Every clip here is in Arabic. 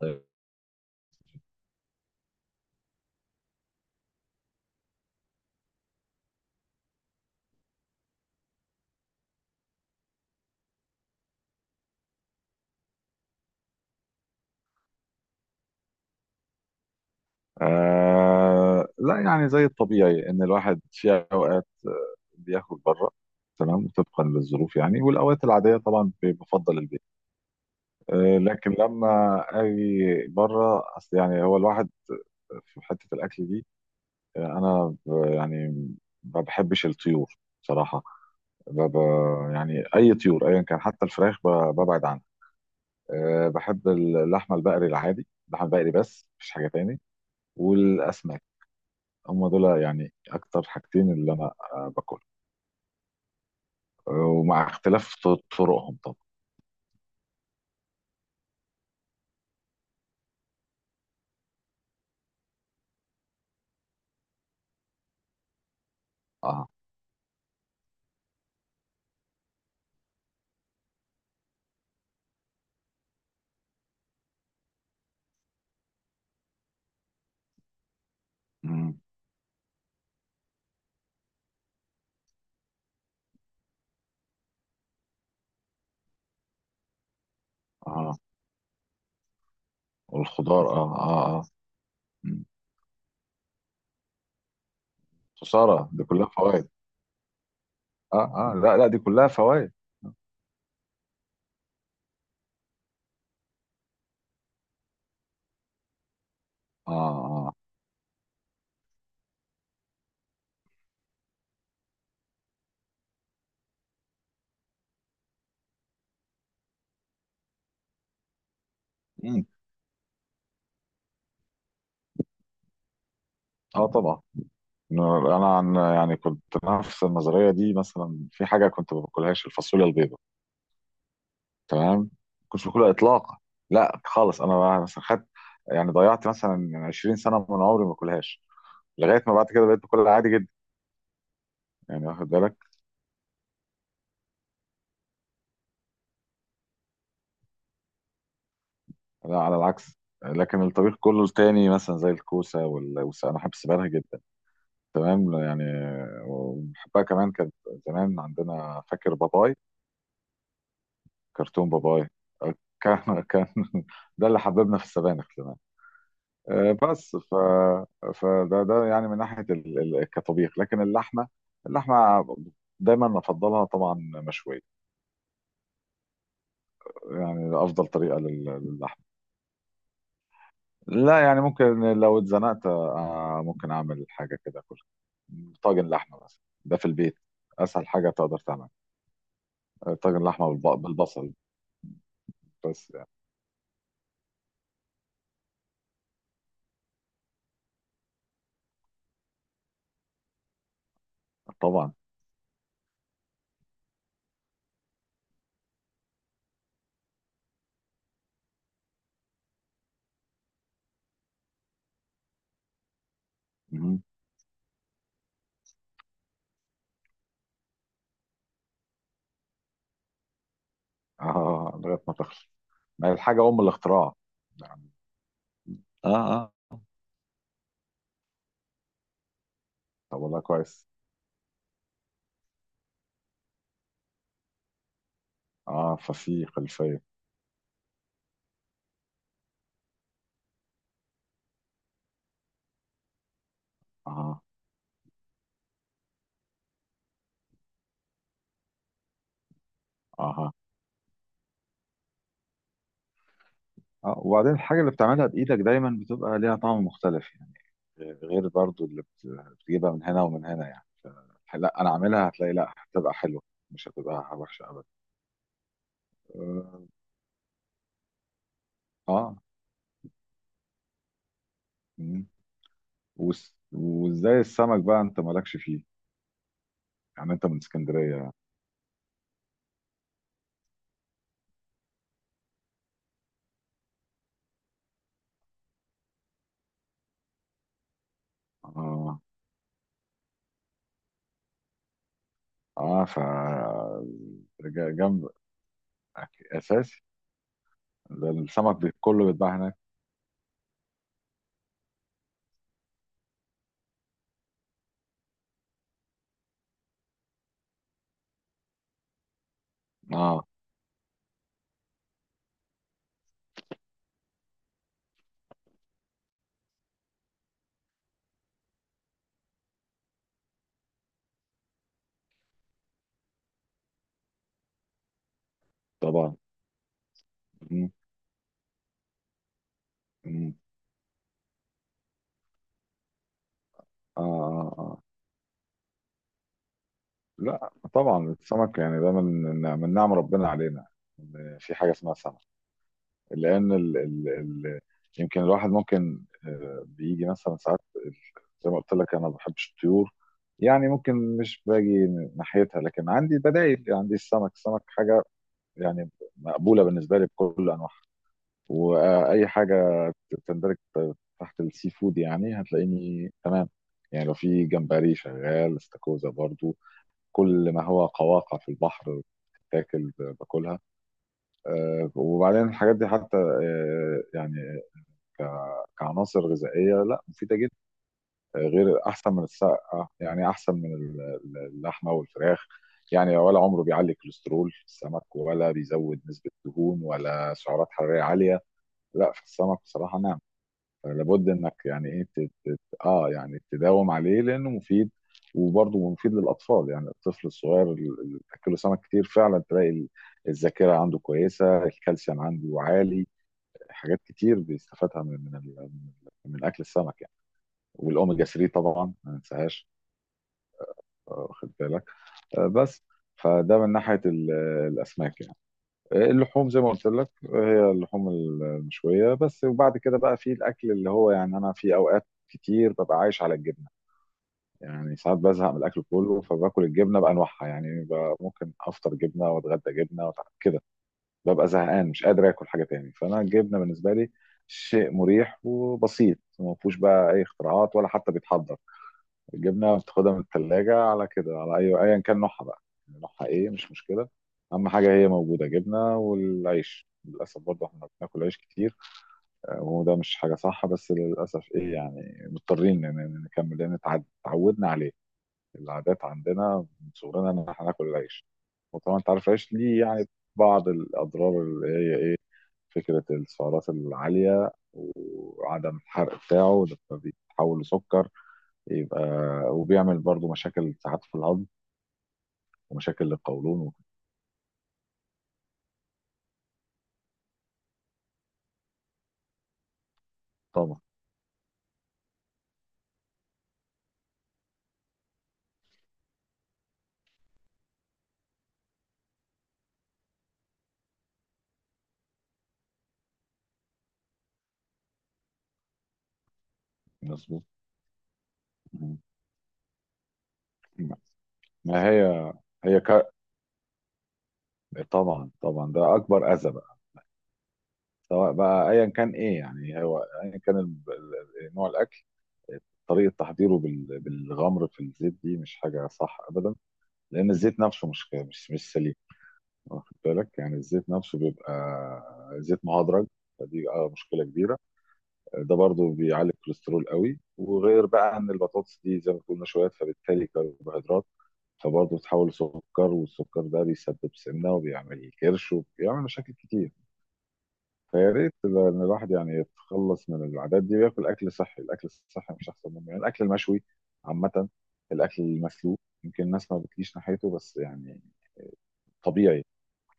طيب. لا، يعني زي الطبيعي ان الواحد في اوقات بياكل بره. تمام، طبقا للظروف، يعني، والاوقات العاديه طبعا بفضل البيت. لكن لما اجي بره، اصل يعني هو الواحد في حته الاكل دي. انا يعني ما بحبش الطيور صراحه. يعني اي طيور ايا كان، حتى الفراخ ببعد عنها. بحب اللحمه البقري العادي، اللحمه البقري، بس مفيش حاجه تاني. والاسماك، هم دول يعني اكتر حاجتين اللي انا باكلهم. ومع اختلاف طرقهم طبعا. اه. مم. اه، والخضار. اه، اه، اه. مم. خسارة، دي كلها فوائد. اه، اه، لا لا، دي كلها فوائد. اه، اه. مم. اه، طبعا. انا عن يعني كنت نفس النظرية دي، مثلا في حاجة كنت ما باكلهاش، الفاصوليا البيضاء. تمام. كنتش باكلها اطلاقا، لا خالص. انا مثلا خدت يعني ضيعت مثلا 20 سنة من عمري ما باكلهاش، لغاية ما بعد كده بقيت باكلها عادي جدا. يعني واخد بالك. لا على العكس، لكن الطبيخ كله التاني مثلا زي الكوسة انا بحب السبانخ جدا. تمام يعني، وبحبها كمان. كانت زمان عندنا، فاكر باباي؟ كرتون باباي. آه، كان ده اللي حببنا في السبانخ زمان. بس فده يعني من ناحية كطبيخ، لكن اللحمة دايما افضلها طبعا مشوية. يعني افضل طريقة للحمة. لا يعني ممكن، لو اتزنقت ممكن اعمل حاجه كده، كل طاجن لحمه بس. ده في البيت اسهل حاجه تقدر تعمل. طاجن لحمه بالبصل. بس يعني. طبعا. مم. اه، لغايه ما تخلص. ما هي الحاجه ام الاختراع. يعني. اه، اه. طب والله كويس. اه، ففي خلفيه. اه، اه، اه، وبعدين الحاجة اللي بتعملها بإيدك دايما بتبقى ليها طعم مختلف يعني، غير برضو اللي بتجيبها من هنا ومن هنا، يعني. لا أنا عاملها، هتلاقي، لا هتبقى حلوة، مش هتبقى وحشة أبدا. اه. آه. مم. وازاي السمك بقى، انت مالكش فيه؟ يعني انت من اسكندرية. اه، اه، ف جنب. اساسي. ده السمك كله بيتباع هناك. اه طبعا. مم. مم. اه، اه. آه. لا طبعا السمك يعني، ده من من نعم ربنا علينا، إن في حاجه اسمها سمك. لان ال يمكن الواحد ممكن بيجي مثلا ساعات ال- زي ما قلت لك انا ما بحبش الطيور، يعني ممكن مش باجي ناحيتها. لكن عندي بدائل، عندي السمك. السمك حاجه يعني مقبوله بالنسبه لي بكل انواعها. واي حاجه تندرج تحت السي فود، يعني هتلاقيني تمام. يعني لو في جمبري شغال، استاكوزا برضو، كل ما هو قواقع في البحر تاكل، باكلها. وبعدين الحاجات دي حتى يعني كعناصر غذائيه لا، مفيده جدا. غير احسن من السقه، يعني احسن من اللحمه والفراخ. يعني ولا عمره بيعلي كوليسترول في السمك، ولا بيزود نسبه دهون، ولا سعرات حراريه عاليه. لا في السمك بصراحه نعم، لابد انك يعني ايه اه يعني تداوم عليه لانه مفيد. وبرضه مفيد للاطفال، يعني الطفل الصغير اللي بتاكله سمك كتير فعلا تلاقي الذاكره عنده كويسه، الكالسيوم عنده عالي، حاجات كتير بيستفادها من من اكل السمك يعني. والاوميجا 3 طبعا ما ننساهاش. واخد بالك. بس فده من ناحيه الاسماك يعني. اللحوم زي ما قلت لك، هي اللحوم المشوية بس. وبعد كده بقى في الأكل اللي هو يعني، أنا في أوقات كتير ببقى عايش على الجبنة. يعني ساعات بزهق من الأكل كله، فباكل الجبنة بأنواعها، يعني ممكن أفطر جبنة، وأتغدى جبنة، كده. ببقى زهقان، مش قادر آكل حاجة تاني. فأنا الجبنة بالنسبة لي شيء مريح وبسيط، ما فيهوش بقى أي اختراعات، ولا حتى بيتحضر. الجبنه بتاخدها من الثلاجه على كده، على اي، ايا كان نوعها بقى. يعني نوعها ايه مش مشكله، اهم حاجه هي موجوده، جبنه. والعيش للاسف برضه احنا بناكل عيش كتير. وده مش حاجه صح، بس للاسف ايه، يعني مضطرين إن نكمل، لان اتعودنا عليه. العادات عندنا من صغرنا ان احنا ناكل العيش. وطبعا انت عارف العيش ليه يعني بعض الاضرار، اللي هي ايه، فكره السعرات العاليه وعدم الحرق بتاعه. ده بيتحول لسكر، يبقى. وبيعمل برضو مشاكل ساعات في الهضم ومشاكل للقولون. طبعا. مظبوط. مم. ما هي، هي ك... طبعا طبعا ده اكبر اذى بقى. سواء بقى ايا كان ايه يعني، هو ايا كان نوع الاكل، طريقه تحضيره بالغمر في الزيت، دي مش حاجه صح ابدا. لان الزيت نفسه مش سليم. واخد بالك يعني، الزيت نفسه بيبقى زيت مهدرج. فدي آه مشكله كبيره. ده برضو بيعلي الكوليسترول قوي. وغير بقى ان البطاطس دي زي ما قلنا شوية، فبالتالي كربوهيدرات، فبرضه بتتحول لسكر. والسكر ده بيسبب سمنة، وبيعمل كرش، وبيعمل مشاكل كتير. فيا ريت ان الواحد يعني يتخلص من العادات دي وياكل اكل صحي. الاكل الصحي مش احسن منه، يعني الاكل المشوي عامة، الاكل المسلوق. يمكن الناس ما بتجيش ناحيته، بس يعني طبيعي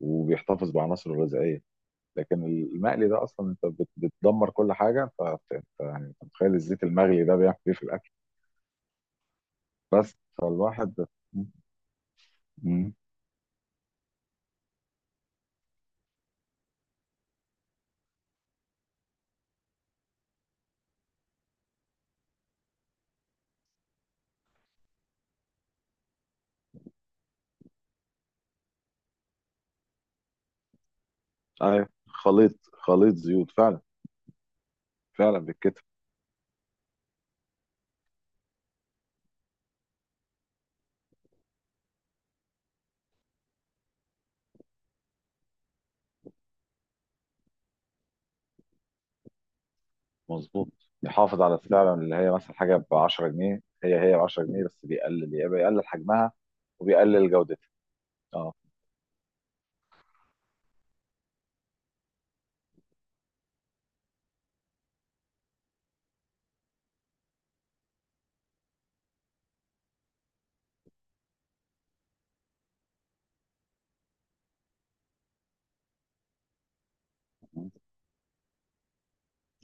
وبيحتفظ بعناصره الغذائية. لكن المقلي ده اصلا، انت بتدمر كل حاجه. يعني انت متخيل الزيت المغلي ده بيعمل ايه في الاكل. بس فالواحد. مم. ايوه، خليط زيوت فعلا. فعلا بالكتف. مظبوط. يحافظ على السعر، اللي هي مثلا حاجه ب 10 جنيه، هي ب 10 جنيه، بس بيقلل، يبقى يقلل حجمها وبيقلل جودتها. اه.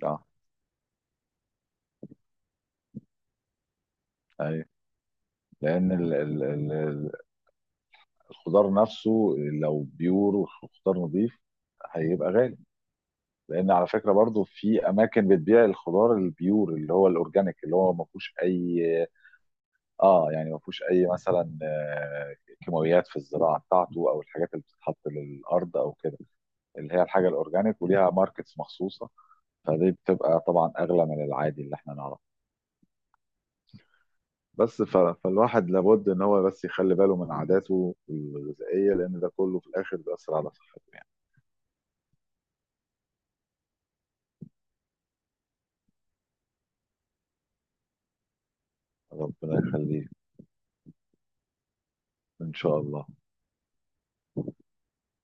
اه. ايوه. لان ال الخضار نفسه لو بيور وخضار نظيف هيبقى غالي. لان على فكره برضو في اماكن بتبيع الخضار البيور، اللي هو الاورجانيك، اللي هو ما فيهوش اي، اه يعني ما فيهوش اي مثلا كيماويات في الزراعه بتاعته، او الحاجات اللي بتتحط للارض او كده. اللي هي الحاجه الاورجانيك وليها ماركتس مخصوصه، فدي بتبقى طبعا اغلى من العادي اللي احنا نعرفه. بس ف- فالواحد لابد ان هو بس يخلي باله من عاداته الغذائيه، لان ده كله في الاخر بيأثر على صحته يعني. ربنا يخليك. ان شاء الله.